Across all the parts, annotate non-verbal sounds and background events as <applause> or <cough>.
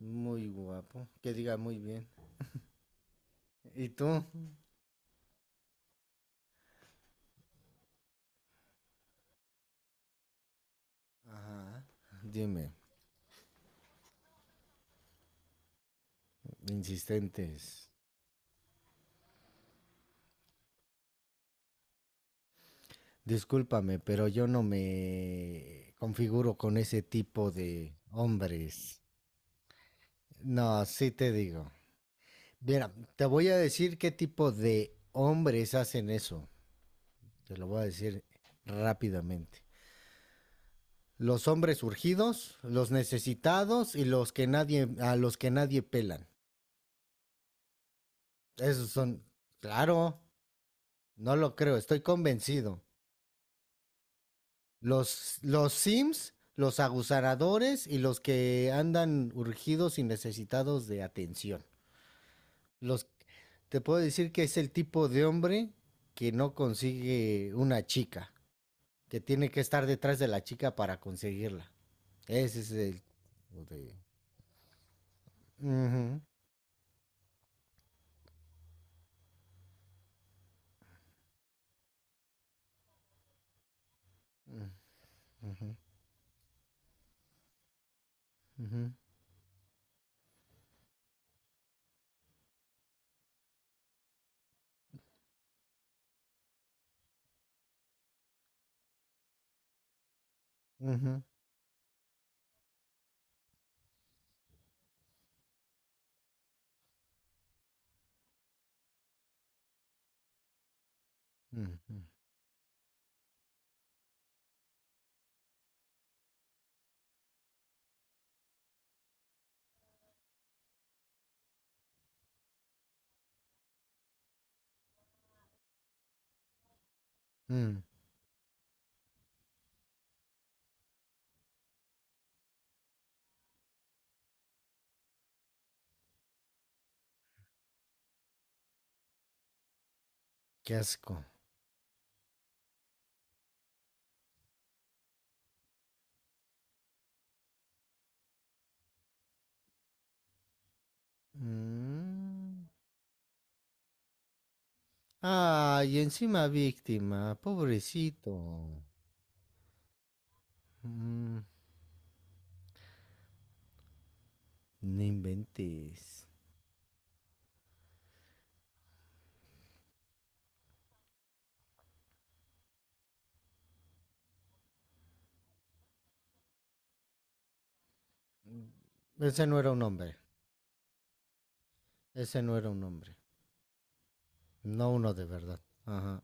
Muy guapo. Que diga Muy bien. ¿Y tú? Ajá. Dime, insistentes. Discúlpame, pero yo no me configuro con ese tipo de hombres. No, sí te digo. Mira, te voy a decir qué tipo de hombres hacen eso. Te lo voy a decir rápidamente. Los hombres urgidos, los necesitados y los que nadie, a los que nadie pelan. Esos son, claro, no lo creo, estoy convencido. Los Sims, los aguzaradores y los que andan urgidos y necesitados de atención. Los, te puedo decir que es el tipo de hombre que no consigue una chica, que tiene que estar detrás de la chica para conseguirla. Ese es el... o de- Ujú, ujú, ujú, ujú, ujú, mm. Qué asco. Mm. Ay, encima víctima, pobrecito. Mm, No inventes. Ese no era un hombre, ese no era un hombre, no uno de verdad. Ajá.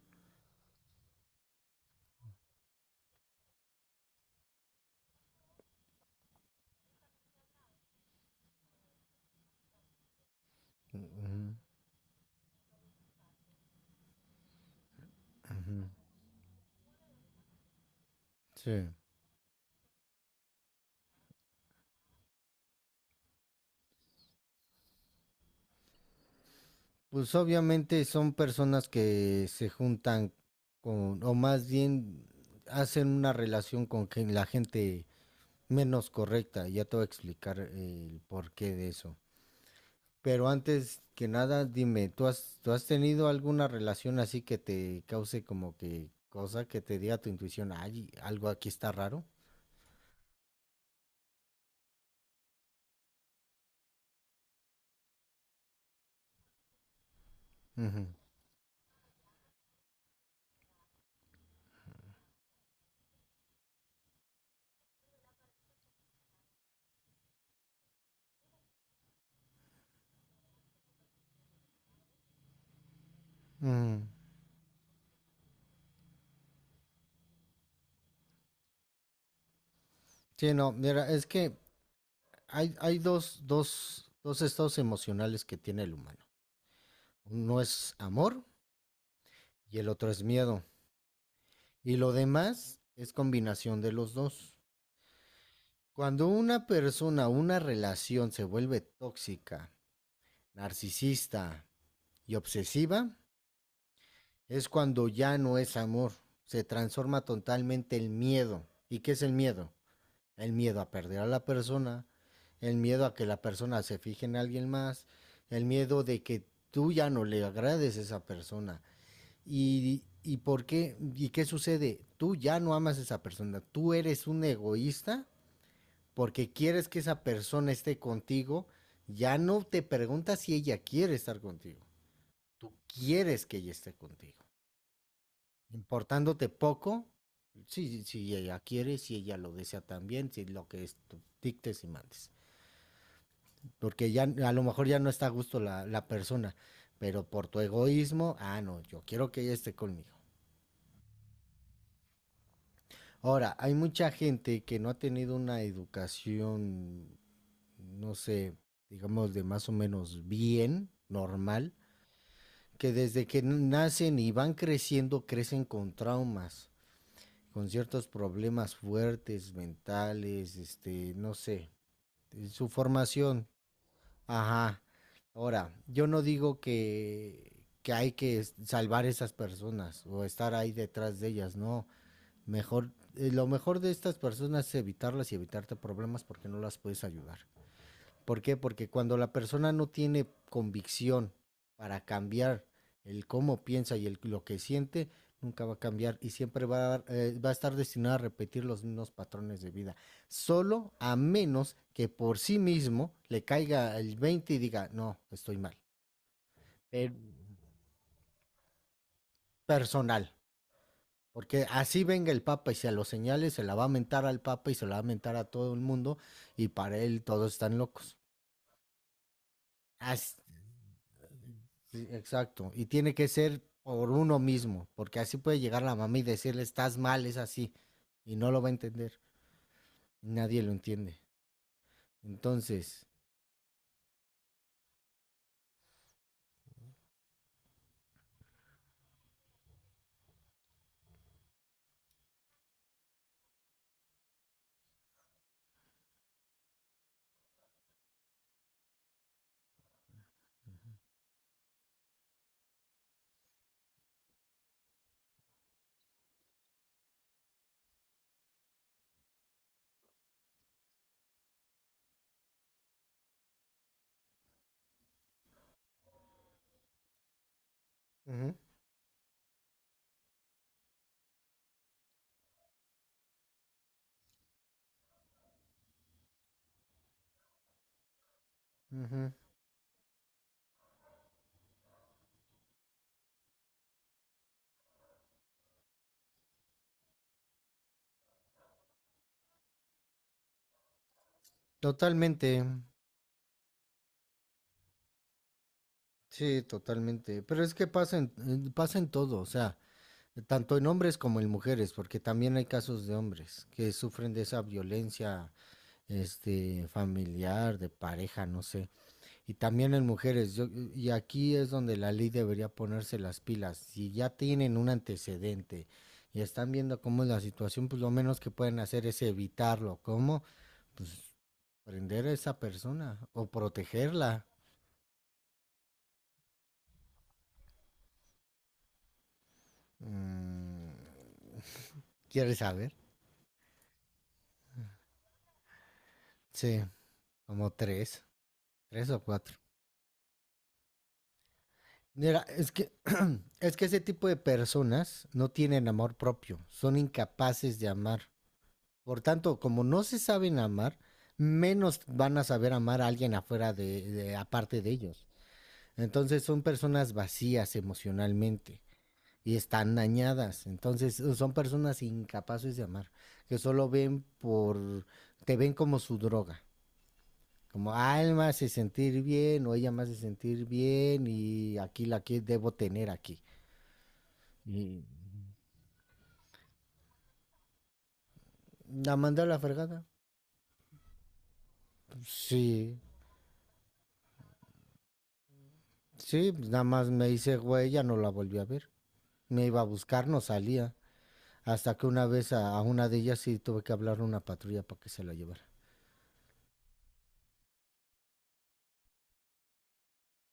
ujú, Sí. Pues obviamente son personas que se juntan con, o más bien hacen una relación con la gente menos correcta. Ya te voy a explicar el porqué de eso. Pero antes que nada, dime, ¿tú has tenido alguna relación así que te cause como que cosa que te diga tu intuición, ay, algo aquí está raro? Ujú, ujú. Sí, no, mira, es que hay, dos estados emocionales que tiene el humano. Uno es amor y el otro es miedo. Y lo demás es combinación de los dos. Cuando una persona, una relación se vuelve tóxica, narcisista y obsesiva, es cuando ya no es amor, se transforma totalmente el miedo. ¿Y qué es el miedo? El miedo a perder a la persona, el miedo a que la persona se fije en alguien más, el miedo de que tú ya no le agrades a esa persona. ¿Y por qué? ¿Y qué sucede? Tú ya no amas a esa persona, tú eres un egoísta porque quieres que esa persona esté contigo, ya no te preguntas si ella quiere estar contigo, tú quieres que ella esté contigo. Importándote poco, si ella quiere, si ella lo desea también, si lo que es, tú dictes y mandes. Porque ya a lo mejor ya no está a gusto la persona, pero por tu egoísmo, ah, no, yo quiero que ella esté conmigo. Ahora, hay mucha gente que no ha tenido una educación, no sé, digamos de más o menos bien, normal, que desde que nacen y van creciendo, crecen con traumas, con ciertos problemas fuertes, mentales, este, no sé, su formación. Ajá. Ahora, yo no digo que hay que salvar esas personas o estar ahí detrás de ellas, no. Mejor, lo mejor de estas personas es evitarlas y evitarte problemas porque no las puedes ayudar. ¿Por qué? Porque cuando la persona no tiene convicción para cambiar el cómo piensa y lo que siente, nunca va a cambiar y siempre va a, va a estar destinado a repetir los mismos patrones de vida. Solo a menos que por sí mismo le caiga el 20 y diga, no, estoy mal. Eh, Personal. Porque así venga el Papa y se lo señale, se la va a mentar al Papa y se la va a mentar a todo el mundo y para él todos están locos. Así, sí, exacto. Y tiene que ser por uno mismo, porque así puede llegar la mamá y decirle, estás mal, es así. Y no lo va a entender. Nadie lo entiende. Entonces, ujú, ujú, totalmente, sí, totalmente. Pero es que pasa en, pasa en todo, o sea, tanto en hombres como en mujeres, porque también hay casos de hombres que sufren de esa violencia, este, familiar, de pareja, no sé. Y también en mujeres, y aquí es donde la ley debería ponerse las pilas. Si ya tienen un antecedente y están viendo cómo es la situación, pues lo menos que pueden hacer es evitarlo. ¿Cómo? Pues prender a esa persona o protegerla. Mm, ¿Quieres saber? Sí, como tres, tres o cuatro. Mira, <clears throat> es que ese tipo de personas no tienen amor propio, son incapaces de amar. Por tanto, como no se saben amar, menos van a saber amar a alguien afuera de, aparte de ellos. Entonces son personas vacías emocionalmente y están dañadas. Entonces son personas incapaces de amar, que solo ven por, te ven como su droga. Como, ah, él me hace sentir bien o ella me hace sentir bien y aquí la que debo tener aquí. Y la mandé a la fregada. Pues, sí, sí, pues, nada más me hice güey, ya no la volví a ver. Me iba a buscar, no salía. Hasta que una vez a una de ellas sí tuve que hablar a una patrulla para que se la llevara.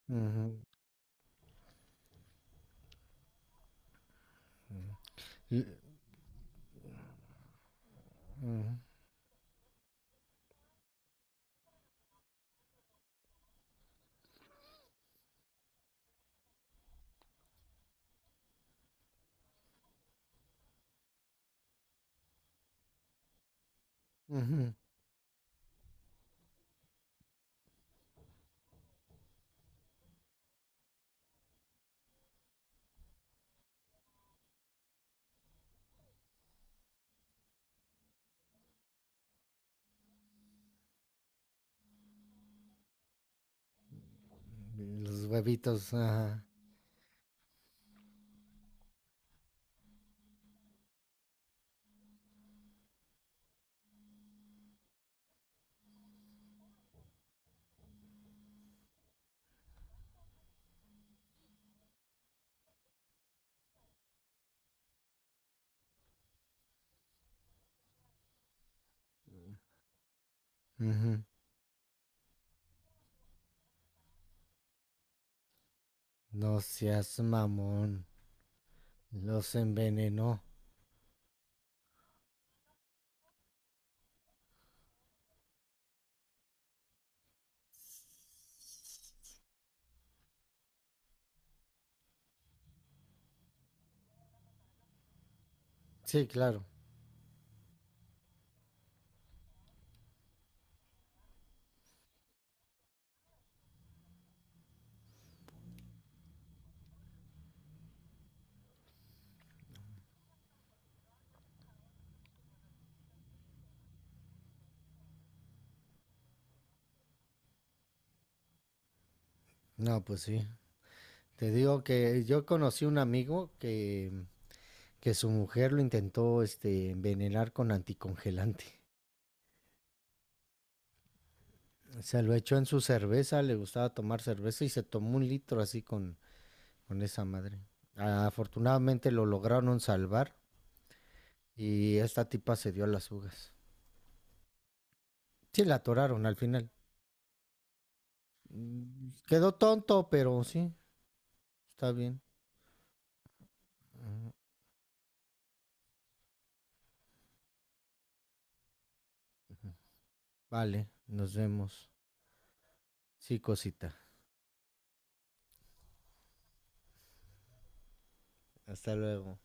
Ujú. L- Ujú. Los huevitos, ajá. Ujú. No seas mamón. Los envenenó. Sí, claro. No, pues sí. Te digo que yo conocí un amigo que su mujer lo intentó este, envenenar con anticongelante. Se lo echó en su cerveza, le gustaba tomar cerveza y se tomó un litro así con esa madre. Afortunadamente lo lograron salvar y esta tipa se dio a las fugas. Sí, la atoraron al final. Mm, Quedó tonto, pero sí, está bien. Vale, nos vemos. Sí, cosita. Hasta luego.